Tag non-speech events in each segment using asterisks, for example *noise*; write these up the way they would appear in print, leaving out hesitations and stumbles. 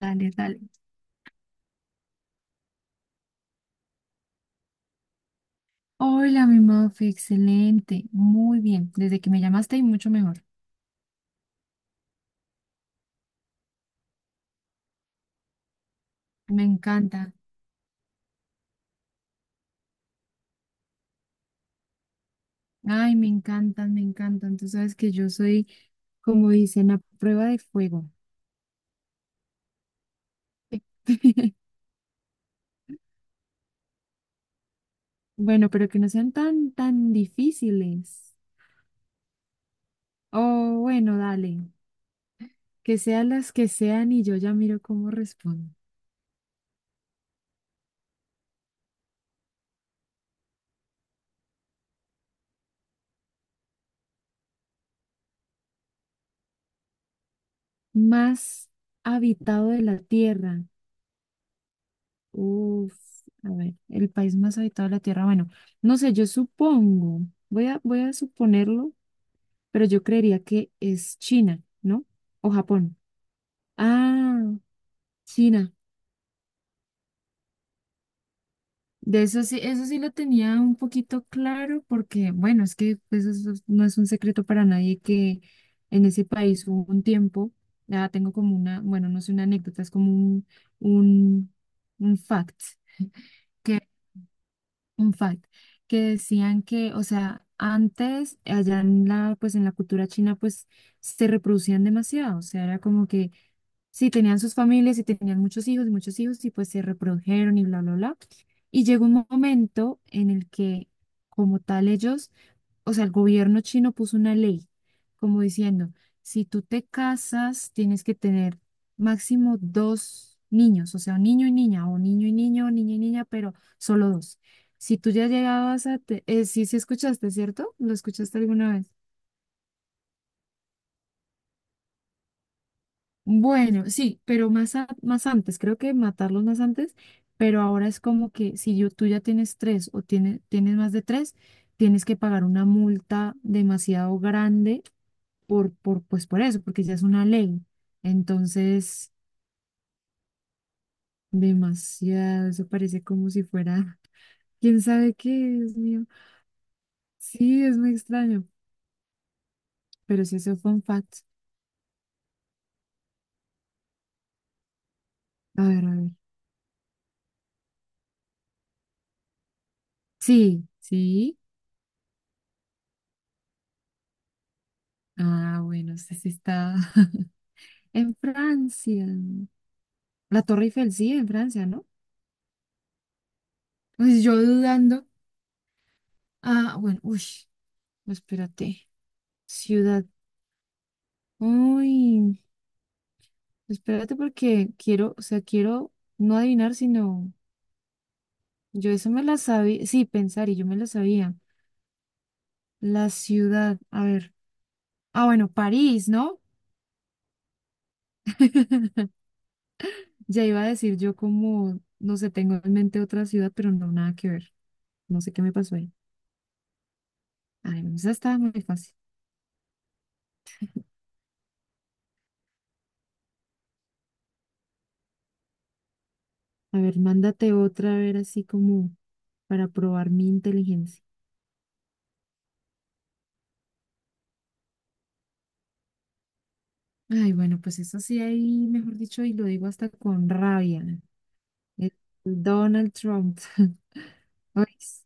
Dale, dale. Hola, mi Muffy, excelente. Muy bien. Desde que me llamaste y mucho mejor. Me encanta. Ay, me encantan, me encantan. Tú sabes que yo soy, como dicen, a prueba de fuego. *laughs* Bueno, pero que no sean tan difíciles. Oh, bueno, dale. Que sean las que sean y yo ya miro cómo respondo. Más habitado de la tierra. Uf, a ver, el país más habitado de la Tierra. Bueno, no sé, yo supongo, voy a suponerlo, pero yo creería que es China, ¿no? O Japón. Ah, China. De eso sí lo tenía un poquito claro, porque, bueno, es que pues, eso no es un secreto para nadie que en ese país hubo un tiempo, ya tengo como una, bueno, no sé, una anécdota, es como un, un fact, un fact, que decían que, o sea, antes, allá en la, pues en la cultura china, pues se reproducían demasiado, o sea, era como que sí tenían sus familias y tenían muchos hijos y pues se reprodujeron y bla, bla, bla. Y llegó un momento en el que, como tal, ellos, o sea, el gobierno chino puso una ley como diciendo, si tú te casas, tienes que tener máximo dos niños, o sea, un niño y niña, o niño y niño, o niña y niña, pero solo dos. Si tú ya llegabas a, sí, sí escuchaste, ¿cierto? ¿Lo escuchaste alguna vez? Bueno, sí, pero más, más antes, creo que matarlos más antes, pero ahora es como que si yo, tú ya tienes tres o tienes más de tres, tienes que pagar una multa demasiado grande pues por eso, porque ya es una ley. Entonces, demasiado, eso parece como si fuera, *laughs* quién sabe qué, Dios mío. Sí, es muy extraño, pero sí, eso fue un fact. A ver, a ver. Sí, sí. Ah, bueno, sí, sí está *laughs* en Francia. La Torre Eiffel, sí, en Francia, ¿no? Pues yo dudando. Ah, bueno, uy, espérate. Ciudad. Uy, espérate porque quiero, o sea, quiero no adivinar, sino... Yo eso me la sabía, sí, pensar y yo me la sabía. La ciudad, a ver. Ah, bueno, París, ¿no? *laughs* Ya iba a decir yo como, no sé, tengo en mente otra ciudad, pero no, nada que ver. No sé qué me pasó ahí. Ay, no, esa estaba muy fácil. A ver, mándate otra, a ver, así como para probar mi inteligencia. Ay, bueno, pues eso sí ahí, mejor dicho, y lo digo hasta con rabia. El Donald Trump. *laughs* Ay, sí,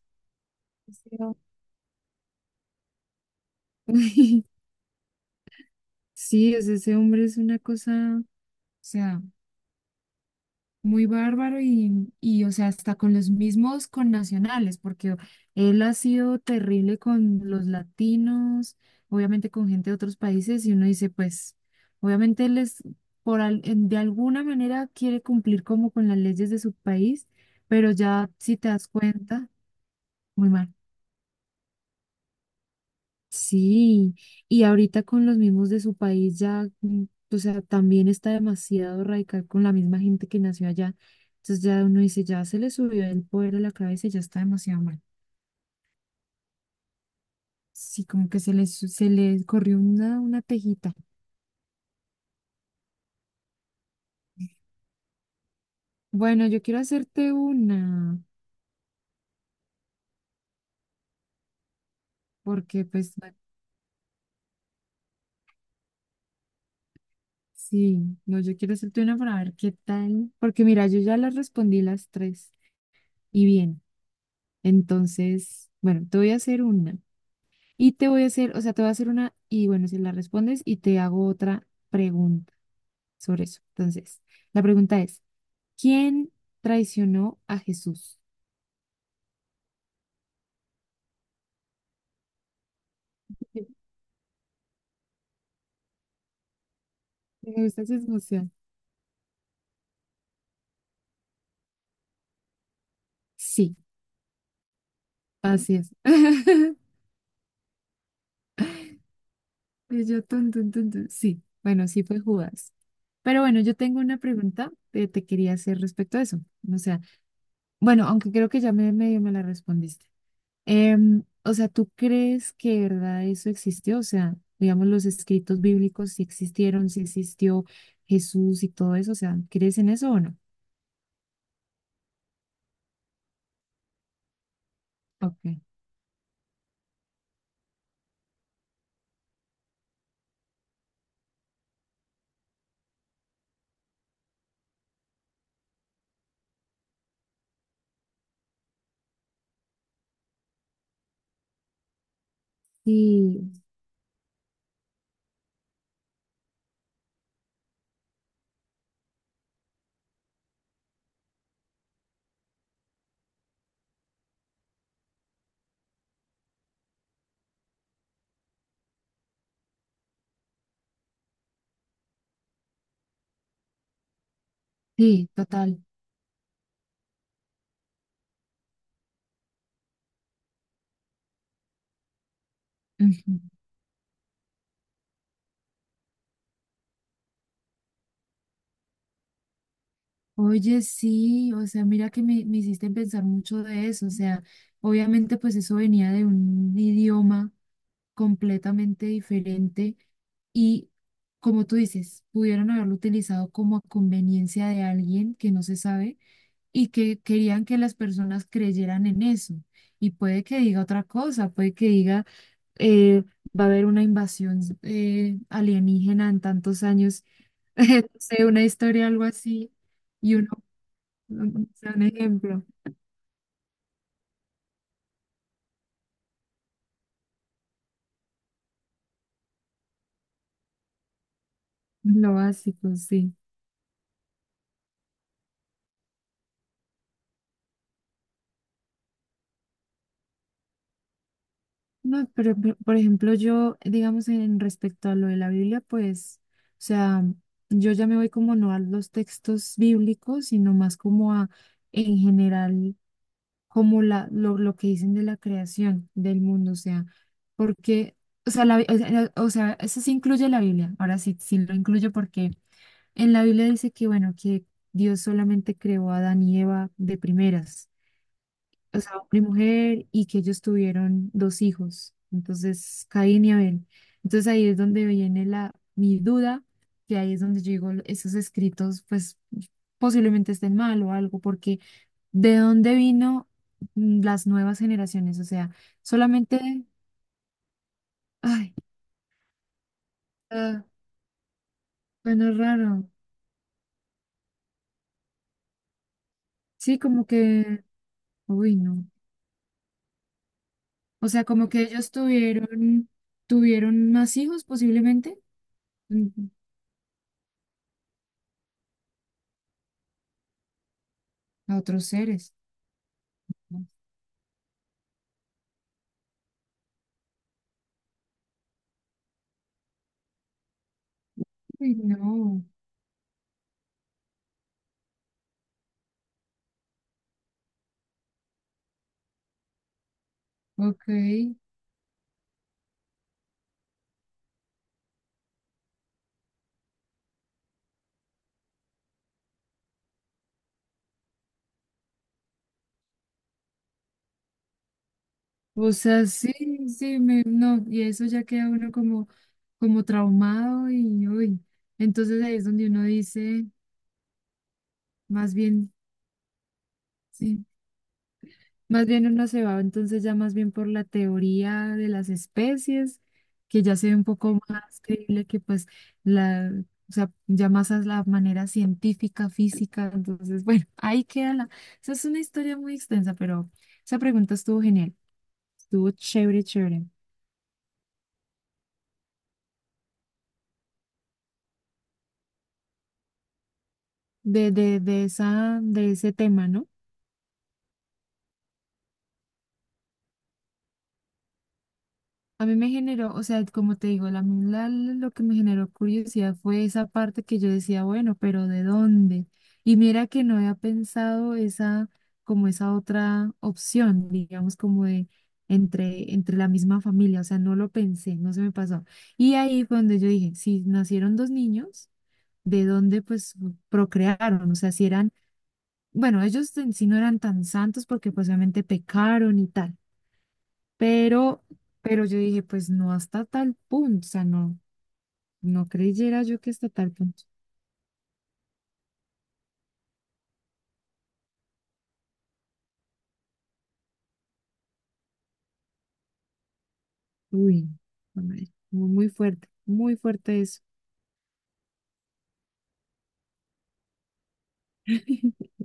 sí, sí, no. *laughs* Sí, o sea, ese hombre es una cosa, o sea, muy bárbaro o sea, hasta con los mismos connacionales, porque él ha sido terrible con los latinos, obviamente con gente de otros países, y uno dice, pues, obviamente él es, de alguna manera quiere cumplir como con las leyes de su país, pero ya si te das cuenta, muy mal. Sí, y ahorita con los mismos de su país ya, o sea, también está demasiado radical con la misma gente que nació allá. Entonces ya uno dice, ya se le subió el poder a la cabeza y ya está demasiado mal. Sí, como que se le, se le corrió una tejita. Bueno, yo quiero hacerte una, porque pues bueno, sí, no, yo quiero hacerte una para ver qué tal, porque mira, yo ya las respondí las tres y bien, entonces, bueno, te voy a hacer una. Y te voy a hacer, o sea, te voy a hacer una y bueno, si la respondes y te hago otra pregunta sobre eso. Entonces, la pregunta es, ¿quién traicionó a Jesús? *laughs* Me gusta esa emoción. Sí, así es. *laughs* Y yo, tun, tun, tun, tun. Sí, bueno, sí fue Judas. Pero bueno, yo tengo una pregunta que te quería hacer respecto a eso. O sea, bueno, aunque creo que ya me medio me la respondiste. O sea, ¿tú crees que de verdad eso existió? O sea, digamos, los escritos bíblicos si existieron, si existió Jesús y todo eso. O sea, ¿crees en eso o no? Okay. Sí, sí, total. Ujú. Oye, sí, o sea, mira que me hiciste pensar mucho de eso, o sea, obviamente pues eso venía de un idioma completamente diferente y como tú dices, pudieron haberlo utilizado como a conveniencia de alguien que no se sabe y que querían que las personas creyeran en eso. Y puede que diga otra cosa, puede que diga, eh, va a haber una invasión alienígena en tantos años, *laughs* no sé, una historia, algo así, y uno, o sea, un ejemplo, lo básico, sí. No, pero por ejemplo, yo, digamos, en respecto a lo de la Biblia, pues, o sea, yo ya me voy como no a los textos bíblicos, sino más como a, en general, como la, lo que dicen de la creación del mundo, o sea, porque, o sea, o sea, eso sí incluye la Biblia, ahora sí, sí lo incluyo porque en la Biblia dice que, bueno, que Dios solamente creó a Adán y Eva de primeras, o sea, hombre y mujer, y que ellos tuvieron dos hijos, entonces Caín y Abel. Entonces ahí es donde viene mi duda, que ahí es donde yo digo, esos escritos, pues posiblemente estén mal o algo, porque ¿de dónde vino las nuevas generaciones? O sea, solamente, ay, ah, bueno, raro. Sí, como que, uy, no. O sea, como que ellos tuvieron, tuvieron más hijos posiblemente, mm, a otros seres. ¿No? Uy, no, ok. O sea, sí, sí, me, no, y eso ya queda uno como, como traumado y uy. Entonces ahí es donde uno dice, más bien, sí, más bien uno se va, entonces ya más bien por la teoría de las especies, que ya se ve un poco más creíble que pues la, o sea, ya más a la manera científica, física. Entonces, bueno, *laughs* ahí queda la, esa es una historia muy extensa, pero esa pregunta estuvo genial. Estuvo chévere, chévere. De esa, de ese tema, ¿no? A mí me generó, o sea, como te digo, lo que me generó curiosidad fue esa parte que yo decía, bueno, pero ¿de dónde? Y mira que no había pensado esa, como esa otra opción, digamos, como de entre la misma familia, o sea, no lo pensé, no se me pasó. Y ahí fue donde yo dije, si nacieron dos niños, ¿de dónde pues procrearon? O sea, si eran, bueno, ellos en sí no eran tan santos porque pues obviamente pecaron y tal. Pero, pero yo dije, pues no hasta tal punto, o sea, no, no creyera yo que hasta tal punto. Uy, hombre, muy muy fuerte eso. *laughs*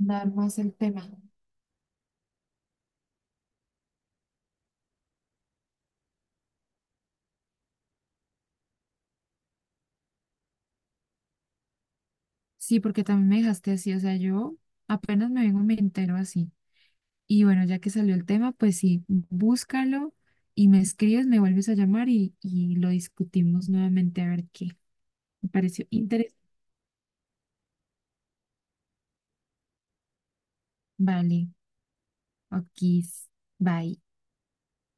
Dar más el tema. Sí, porque también me dejaste así, o sea, yo apenas me vengo, me entero así. Y bueno, ya que salió el tema, pues sí, búscalo y me escribes, me vuelves a llamar y lo discutimos nuevamente a ver qué. Me pareció interesante. Vale, ok, bye.